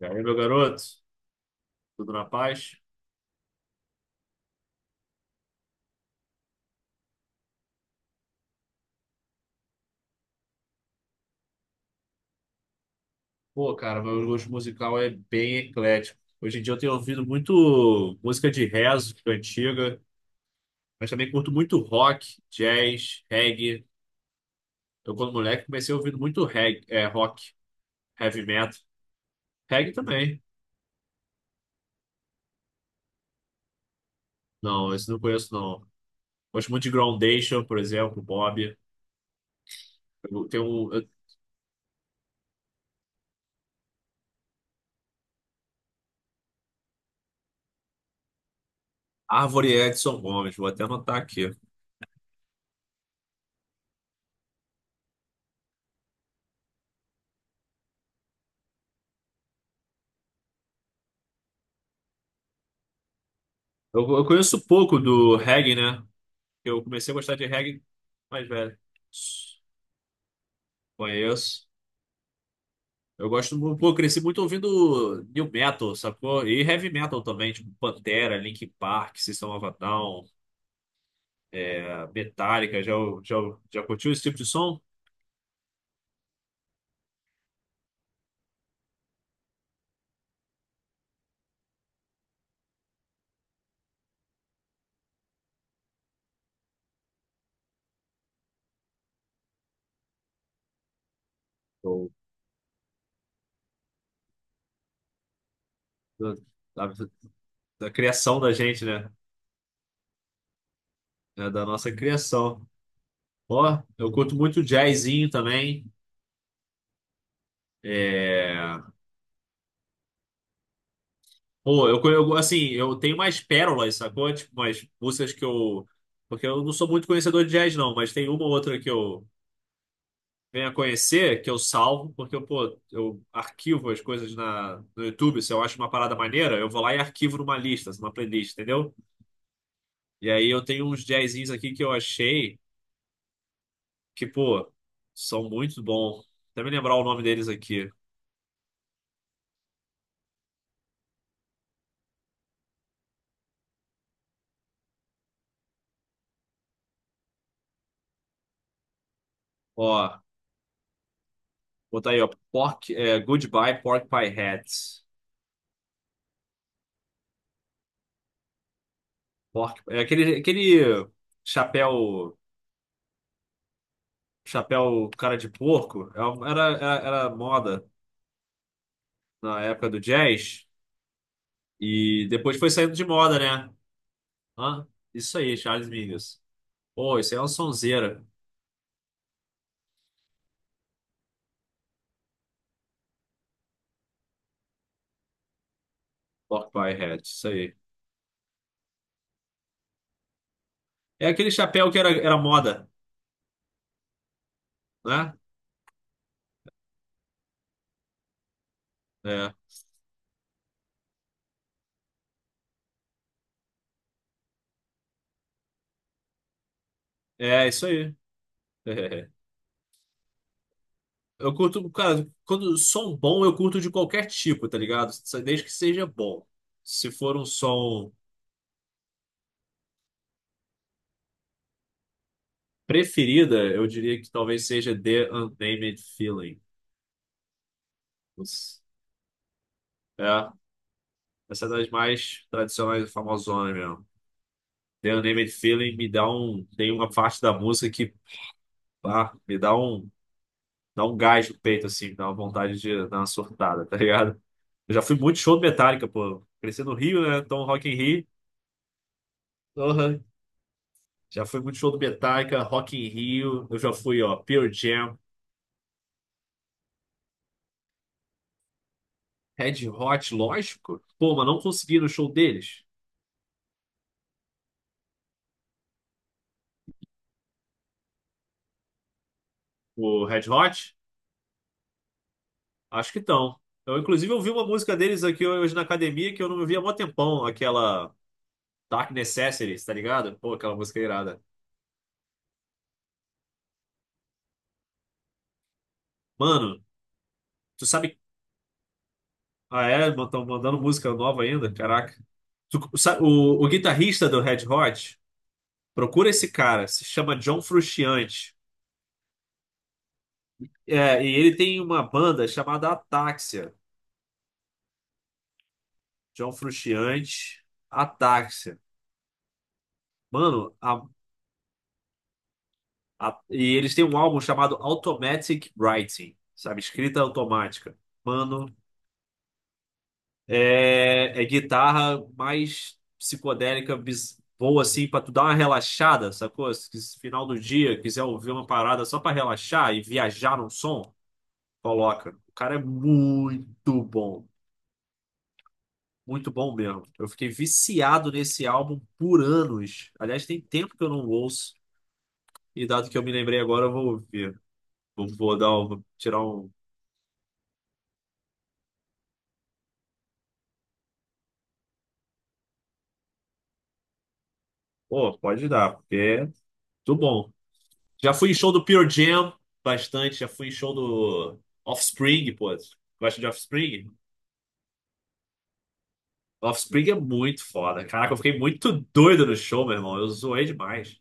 E aí, meu garoto? Tudo na paz? Pô, cara, meu gosto musical é bem eclético. Hoje em dia eu tenho ouvido muito música de rezo, antiga, mas também curto muito rock, jazz, reggae. Eu, quando moleque, comecei ouvindo muito reggae, rock, heavy metal. Reggae também. Não, esse não conheço, não. Gosto muito de Groundation, por exemplo, Bob. Eu tenho um- eu- Árvore Edson Gomes, vou até anotar aqui. Eu conheço pouco do reggae, né? Eu comecei a gostar de reggae mais velho. Conheço. Eu gosto, pô, eu cresci muito ouvindo new metal, sacou? E heavy metal também, tipo Pantera, Linkin Park, System of a Down, Metallica. Já, já curtiu esse tipo de som? Ou Da, da, da criação da gente, né? É, da nossa criação. Ó, eu curto muito jazzinho também. É... Pô, eu assim, eu tenho mais pérolas, sacou? Tipo, umas músicas que eu... Porque eu não sou muito conhecedor de jazz, não, mas tem uma ou outra que eu venha conhecer, que eu salvo, porque eu, pô, eu arquivo as coisas no YouTube. Se eu acho uma parada maneira, eu vou lá e arquivo numa playlist, entendeu? E aí eu tenho uns jazzinhos aqui que eu achei que, pô, são muito bons. Até me lembrar o nome deles aqui. Ó, botar aí, ó. Goodbye Pork Pie Hat. Pork, é aquele chapéu, chapéu cara de porco. Era moda na época do jazz. E depois foi saindo de moda, né? Hã? Isso aí, Charles Mingus. Pô, isso aí é uma sonzeira. Pork Pie Hat, isso aí. É aquele chapéu que era moda, né? É, é isso aí. Eu curto, cara, quando som bom, eu curto de qualquer tipo, tá ligado? Desde que seja bom. Se for um som preferida, eu diria que talvez seja The Unnamed Feeling. Os- É, essa é das mais tradicionais e famosonas mesmo. The Unnamed Feeling me dá um. Tem uma parte da música que, ah, me dá um. Dá um gás no peito, assim, dá uma vontade de dar uma surtada, tá ligado? Eu já fui muito show do Metallica, pô. Cresci no Rio, né? Então, Rock in Rio. Porra. Já fui muito show do Metallica, Rock in Rio. Eu já fui, ó, Pearl Jam, Red Hot, lógico. Pô, mas não consegui ir no show deles. O Red Hot? Acho que estão. Eu, inclusive, ouvi uma música deles aqui hoje na academia que eu não ouvia há mó tempão, aquela Dark Necessities, tá ligado? Pô, aquela música irada. Mano, tu sabe. Ah, é? Estão mandando música nova ainda? Caraca. O guitarrista do Red Hot, procura esse cara, se chama John Frusciante. É, e ele tem uma banda chamada Ataxia. John Frusciante, Ataxia. Mano, e eles têm um álbum chamado Automatic Writing, sabe? Escrita automática. Mano, é, é guitarra mais psicodélica, boa assim, pra tu dar uma relaxada, sacou? Se quis- final do dia, quiser ouvir uma parada só pra relaxar e viajar no som, coloca. O cara é muito bom mesmo. Eu fiquei viciado nesse álbum por anos. Aliás, tem tempo que eu não ouço, e dado que eu me lembrei agora, eu vou ouvir. Vou dar um, tirar um. Pô, pode dar, porque é tudo bom. Já fui em show do Pure Jam bastante, já fui em show do Offspring, pô. Gosta de Offspring? Offspring é muito foda. Caraca, eu fiquei muito doido no show, meu irmão. Eu zoei demais.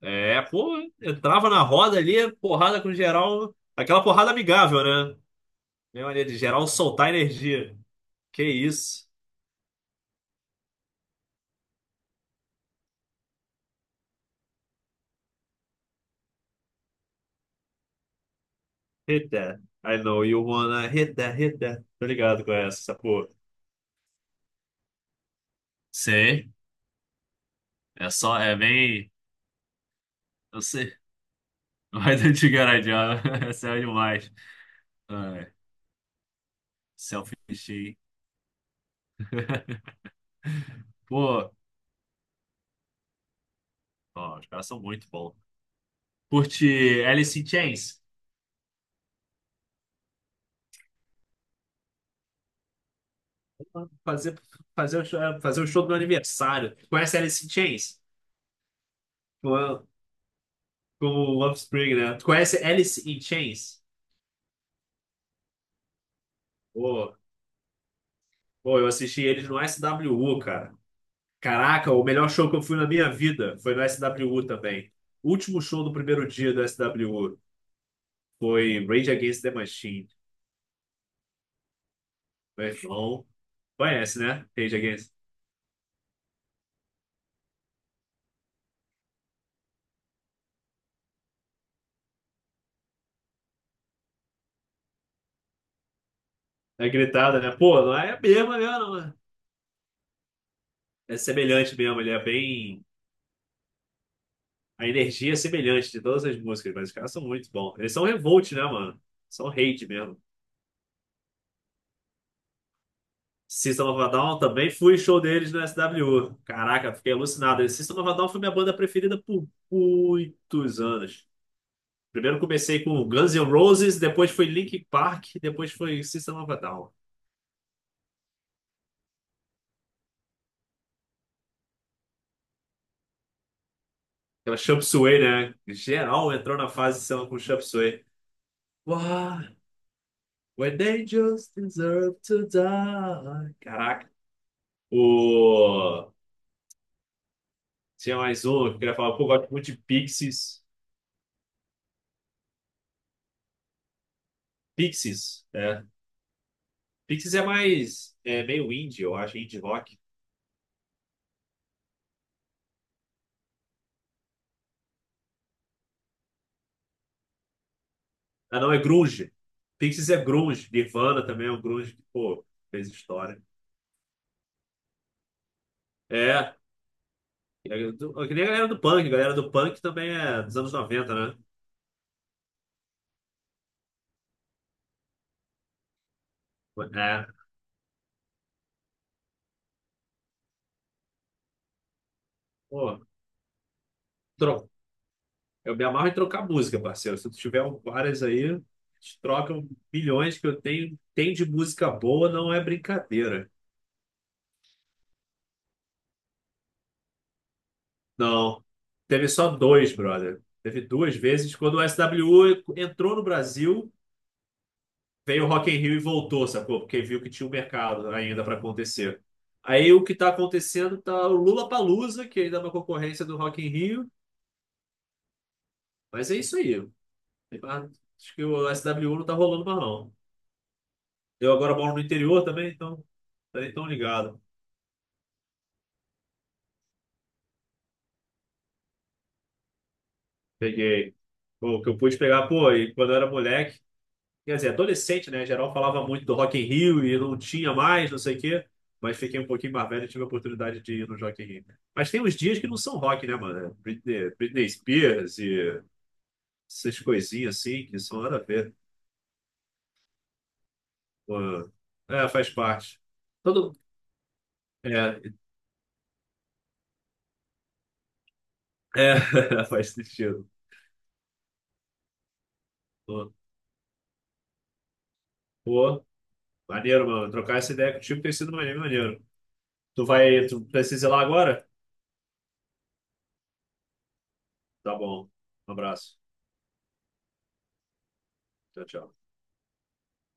É, pô, entrava na roda ali, porrada com geral. Aquela porrada amigável, né? Minha maneira de geral soltar energia. Que isso? Hit that. I know you wanna hit that, hit that. Tô ligado com essa porra. Sei. É só, é bem. Eu sei. Why don't you get a job? Essa é demais. Ai, selfie. Pô, ó, os caras são muito bons. Curte Alice in Chains? Fazer, fazer o show do meu aniversário. Tu conhece Alice in Chains? Com, com o Offspring, né? Tu conhece Alice in Chains? Pô, pô, eu assisti eles no SWU, cara. Caraca, o melhor show que eu fui na minha vida foi no SWU também. O último show do primeiro dia do SWU foi Rage Against the Machine. Meu irmão, conhece, né? Rage Against. É gritada, né? Pô, não é a mesma, mesmo, não, né? É semelhante mesmo, ele é bem. A energia é semelhante de todas as músicas, mas os caras são muito bons. Eles são revolt, né, mano? São hate mesmo. System of a Down também fui show deles no SWU. Caraca, fiquei alucinado. System of a Down foi minha banda preferida por muitos anos. Primeiro comecei com Guns N' Roses, depois foi Linkin Park, depois foi System of a Down. Aquela Chop Suey, né? Geral entrou na fase de com Chop Suey. Uau! When they just deserve to die. Caraca. O... Tinha mais um que eu queria falar. Pô, eu gosto muito de Pixies. Pixies, é. Pixies é mais... É meio indie, eu acho. Indie rock. Ah, não. É grunge. Pixies é grunge. Nirvana também é um grunge que, pô, fez história. É. Que nem a galera do punk. A galera do punk também é dos anos noventa, né? É. Pô, eu me amarro em trocar música, parceiro. Se tu tiver várias aí, a gente troca bilhões que eu tenho. Tem de música boa, não é brincadeira. Não. Teve só dois, brother. Teve duas vezes. Quando o SWU entrou no Brasil, veio o Rock in Rio e voltou, sacou? Porque viu que tinha um mercado ainda para acontecer. Aí o que tá acontecendo tá o Lollapalooza, que ainda é uma concorrência do Rock in Rio. Mas é isso aí. Tem mais- Acho que o SWU não tá rolando mais, não. Eu agora moro no interior também, então tá nem tão ligado. Peguei. O que eu pude pegar, pô, e quando eu era moleque, quer dizer, adolescente, né? Geral falava muito do Rock in Rio e não tinha mais, não sei o quê. Mas fiquei um pouquinho mais velho e tive a oportunidade de ir no Rock in Rio. Mas tem uns dias que não são rock, né, mano? É Britney, Britney Spears e essas coisinhas assim que são nada a ver. Pô, é, faz parte. Todo... É, faz sentido. Pô, pô, maneiro, mano. Trocar essa ideia contigo tem sido maneiro. Maneiro. Tu vai, tu precisa ir lá agora? Tá bom. Um abraço. Tchau, tchau.